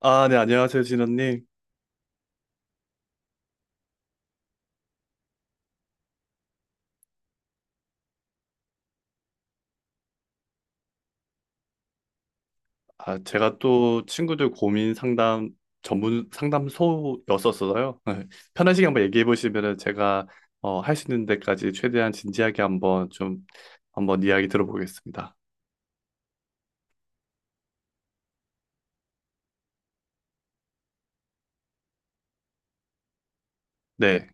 아, 네, 안녕하세요, 진원님. 아, 제가 또 친구들 고민 상담 전문 상담소였었어서요. 편하시게 한번 얘기해 보시면은 제가 할 수 있는 데까지 최대한 진지하게 한번 좀 한번 이야기 들어보겠습니다. 네,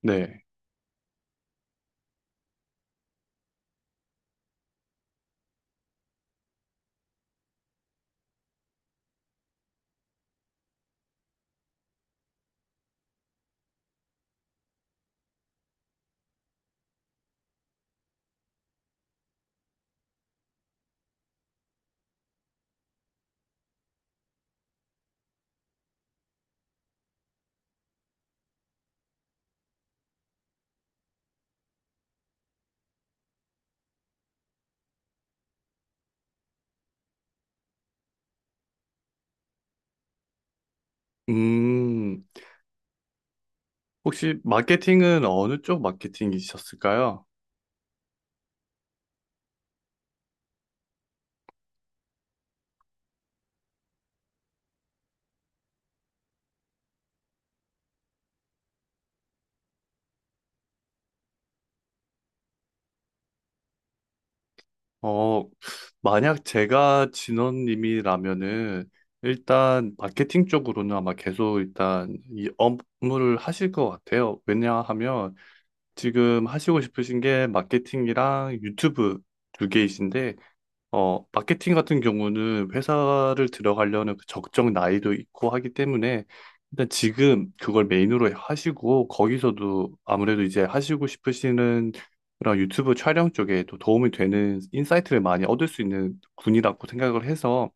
네. 음, 혹시 마케팅은 어느 쪽 마케팅이셨을까요? 어, 만약 제가 진원님이라면은 일단 마케팅 쪽으로는 아마 계속 일단 이 업무를 하실 것 같아요. 왜냐하면 지금 하시고 싶으신 게 마케팅이랑 유튜브 두 개이신데 마케팅 같은 경우는 회사를 들어가려는 그 적정 나이도 있고 하기 때문에 일단 지금 그걸 메인으로 하시고, 거기서도 아무래도 이제 하시고 싶으시는 그런 유튜브 촬영 쪽에 또 도움이 되는 인사이트를 많이 얻을 수 있는 군이라고 생각을 해서,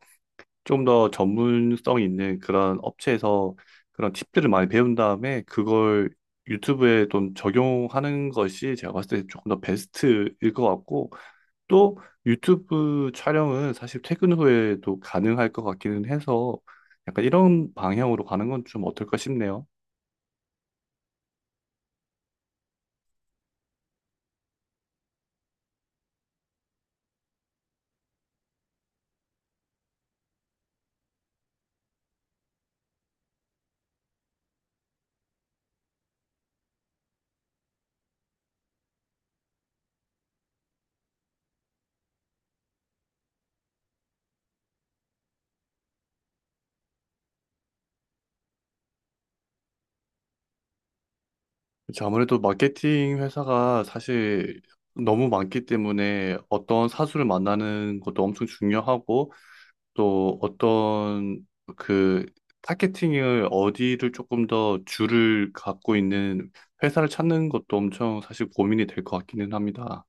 좀 더 전문성 있는 그런 업체에서 그런 팁들을 많이 배운 다음에 그걸 유튜브에 좀 적용하는 것이 제가 봤을 때 조금 더 베스트일 것 같고, 또 유튜브 촬영은 사실 퇴근 후에도 가능할 것 같기는 해서 약간 이런 방향으로 가는 건 좀 어떨까 싶네요. 그쵸, 아무래도 마케팅 회사가 사실 너무 많기 때문에 어떤 사수를 만나는 것도 엄청 중요하고, 또 어떤 그 타겟팅을 어디를 조금 더 줄을 갖고 있는 회사를 찾는 것도 엄청 사실 고민이 될 것 같기는 합니다.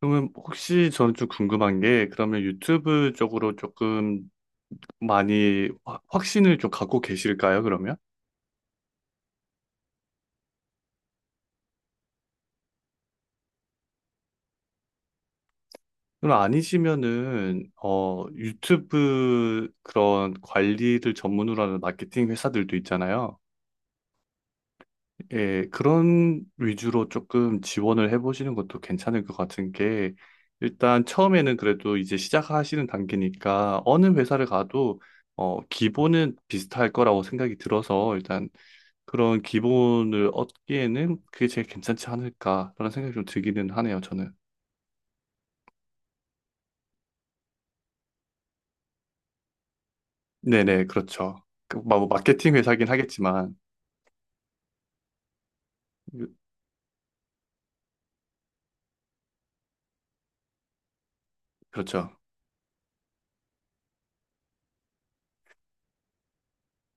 그러면 혹시 저는 좀 궁금한 게, 그러면 유튜브 쪽으로 조금 많이 확신을 좀 갖고 계실까요, 그러면? 그럼 아니시면은 유튜브 그런 관리를 전문으로 하는 마케팅 회사들도 있잖아요. 예, 그런 위주로 조금 지원을 해보시는 것도 괜찮을 것 같은 게, 일단 처음에는 그래도 이제 시작하시는 단계니까 어느 회사를 가도 기본은 비슷할 거라고 생각이 들어서, 일단 그런 기본을 얻기에는 그게 제일 괜찮지 않을까라는 생각이 좀 들기는 하네요, 저는. 네네, 그렇죠. 그, 뭐, 마케팅 회사긴 하겠지만, 그- 그렇죠.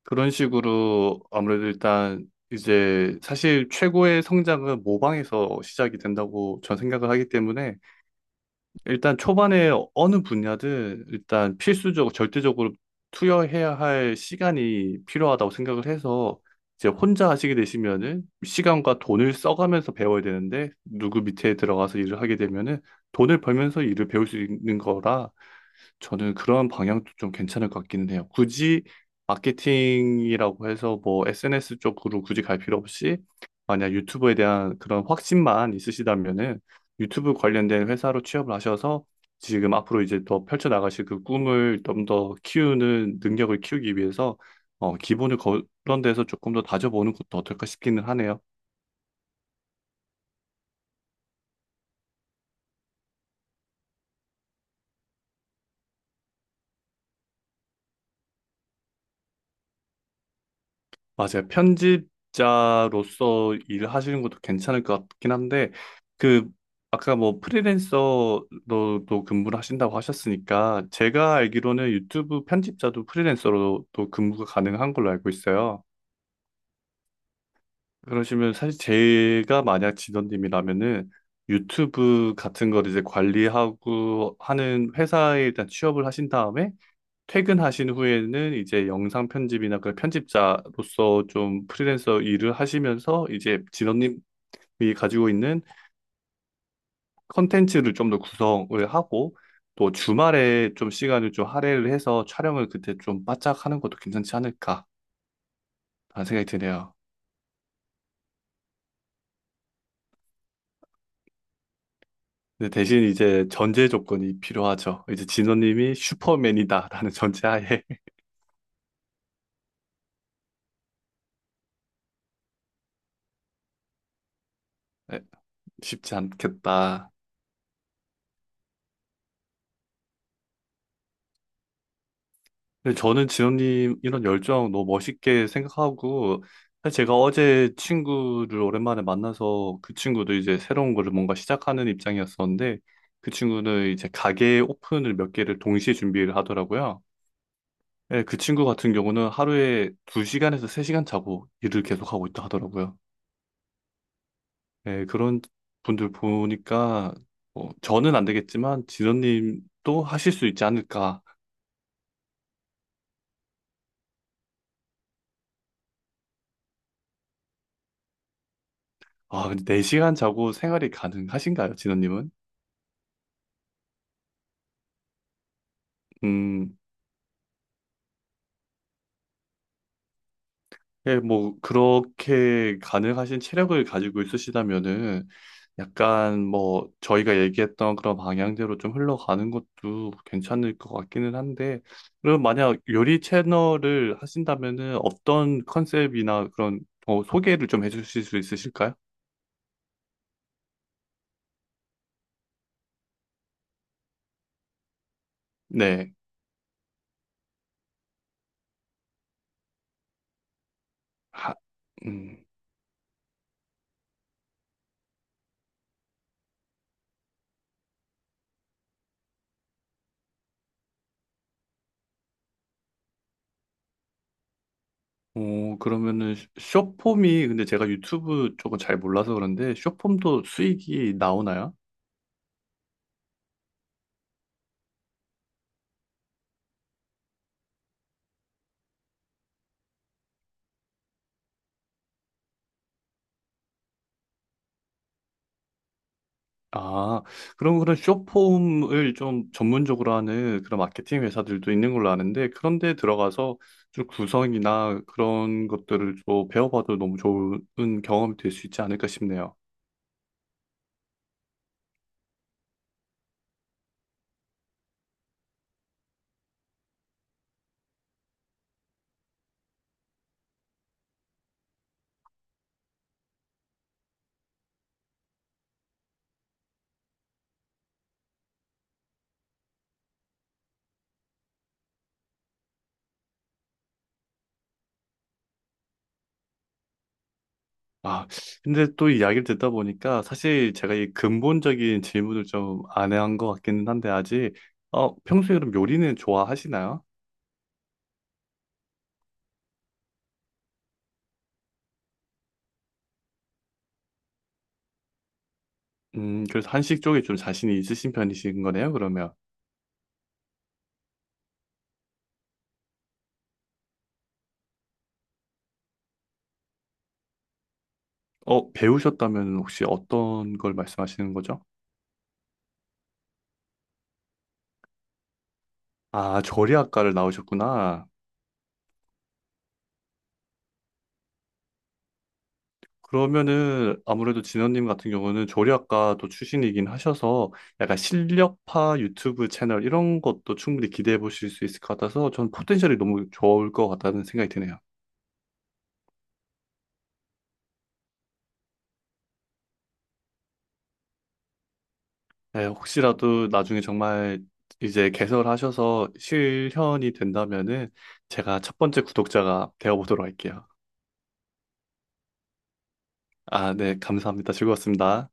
그런 식으로 아무래도 일단 이제 사실 최고의 성장은 모방에서 시작이 된다고 전 생각을 하기 때문에, 일단 초반에 어느 분야든 일단 필수적으로 절대적으로 투여해야 할 시간이 필요하다고 생각을 해서, 이제 혼자 하시게 되시면은 시간과 돈을 써가면서 배워야 되는데 누구 밑에 들어가서 일을 하게 되면은 돈을 벌면서 일을 배울 수 있는 거라, 저는 그런 방향도 좀 괜찮을 것 같기는 해요. 굳이 마케팅이라고 해서 뭐 SNS 쪽으로 굳이 갈 필요 없이, 만약 유튜브에 대한 그런 확신만 있으시다면은 유튜브 관련된 회사로 취업을 하셔서 지금 앞으로 이제 더 펼쳐나가실 그 꿈을 좀 더 키우는 능력을 키우기 위해서, 기본을 그런 데서 조금 더 다져보는 것도 어떨까 싶기는 하네요. 맞아요. 편집자로서 일하시는 것도 괜찮을 것 같긴 한데, 그, 아까 뭐 프리랜서로도 근무를 하신다고 하셨으니까, 제가 알기로는 유튜브 편집자도 프리랜서로도 근무가 가능한 걸로 알고 있어요. 그러시면 사실 제가 만약 진원님이라면은 유튜브 같은 걸 이제 관리하고 하는 회사에 일단 취업을 하신 다음에, 퇴근하신 후에는 이제 영상 편집이나 그 편집자로서 좀 프리랜서 일을 하시면서, 이제 진원님이 가지고 있는 컨텐츠를 좀 더 구성을 하고, 또 주말에 좀 시간을 좀 할애를 해서 촬영을 그때 좀 바짝 하는 것도 괜찮지 않을까 하는 생각이 드네요. 근데 대신 이제 전제 조건이 필요하죠. 이제 진원님이 슈퍼맨이다라는 전제하에. 쉽지 않겠다. 근데 저는 지원님 이런 열정 너무 멋있게 생각하고, 사실 제가 어제 친구를 오랜만에 만나서, 그 친구도 이제 새로운 거를 뭔가 시작하는 입장이었었는데, 그 친구는 이제 가게 오픈을 몇 개를 동시에 준비를 하더라고요. 예, 그 친구 같은 경우는 하루에 2시간에서 3시간 자고 일을 계속하고 있다 하더라고요. 예, 그런 분들 보니까 저는 안 되겠지만 진원님도 하실 수 있지 않을까. 아, 근데 4시간 자고 생활이 가능하신가요, 진원님은? 음, 예, 뭐, 그렇게 가능하신 체력을 가지고 있으시다면은 약간 뭐 저희가 얘기했던 그런 방향대로 좀 흘러가는 것도 괜찮을 것 같기는 한데, 그럼 만약 요리 채널을 하신다면은 어떤 컨셉이나 그런, 소개를 좀 해주실 수 있으실까요? 네. 하, 음. 그러면은, 쇼폼이, 근데 제가 유튜브 쪽은 잘 몰라서 그런데, 쇼폼도 수익이 나오나요? 아, 그럼 그런 숏폼을 좀 전문적으로 하는 그런 마케팅 회사들도 있는 걸로 아는데, 그런데 들어가서 좀 구성이나 그런 것들을 좀 배워봐도 너무 좋은 경험이 될 수 있지 않을까 싶네요. 아, 근데 또 이야기를 듣다 보니까 사실 제가 이 근본적인 질문을 좀 안 한 것 같기는 한데, 아직, 평소에 그럼 요리는 좋아하시나요? 그래서 한식 쪽에 좀 자신이 있으신 편이신 거네요, 그러면. 배우셨다면 혹시 어떤 걸 말씀하시는 거죠? 아, 조리학과를 나오셨구나. 그러면은 아무래도 진원님 같은 경우는 조리학과도 출신이긴 하셔서 약간 실력파 유튜브 채널 이런 것도 충분히 기대해 보실 수 있을 것 같아서, 전 포텐셜이 너무 좋을 것 같다는 생각이 드네요. 네, 혹시라도 나중에 정말 이제 개설하셔서 실현이 된다면은 제가 첫 번째 구독자가 되어 보도록 할게요. 아, 네, 감사합니다. 즐거웠습니다.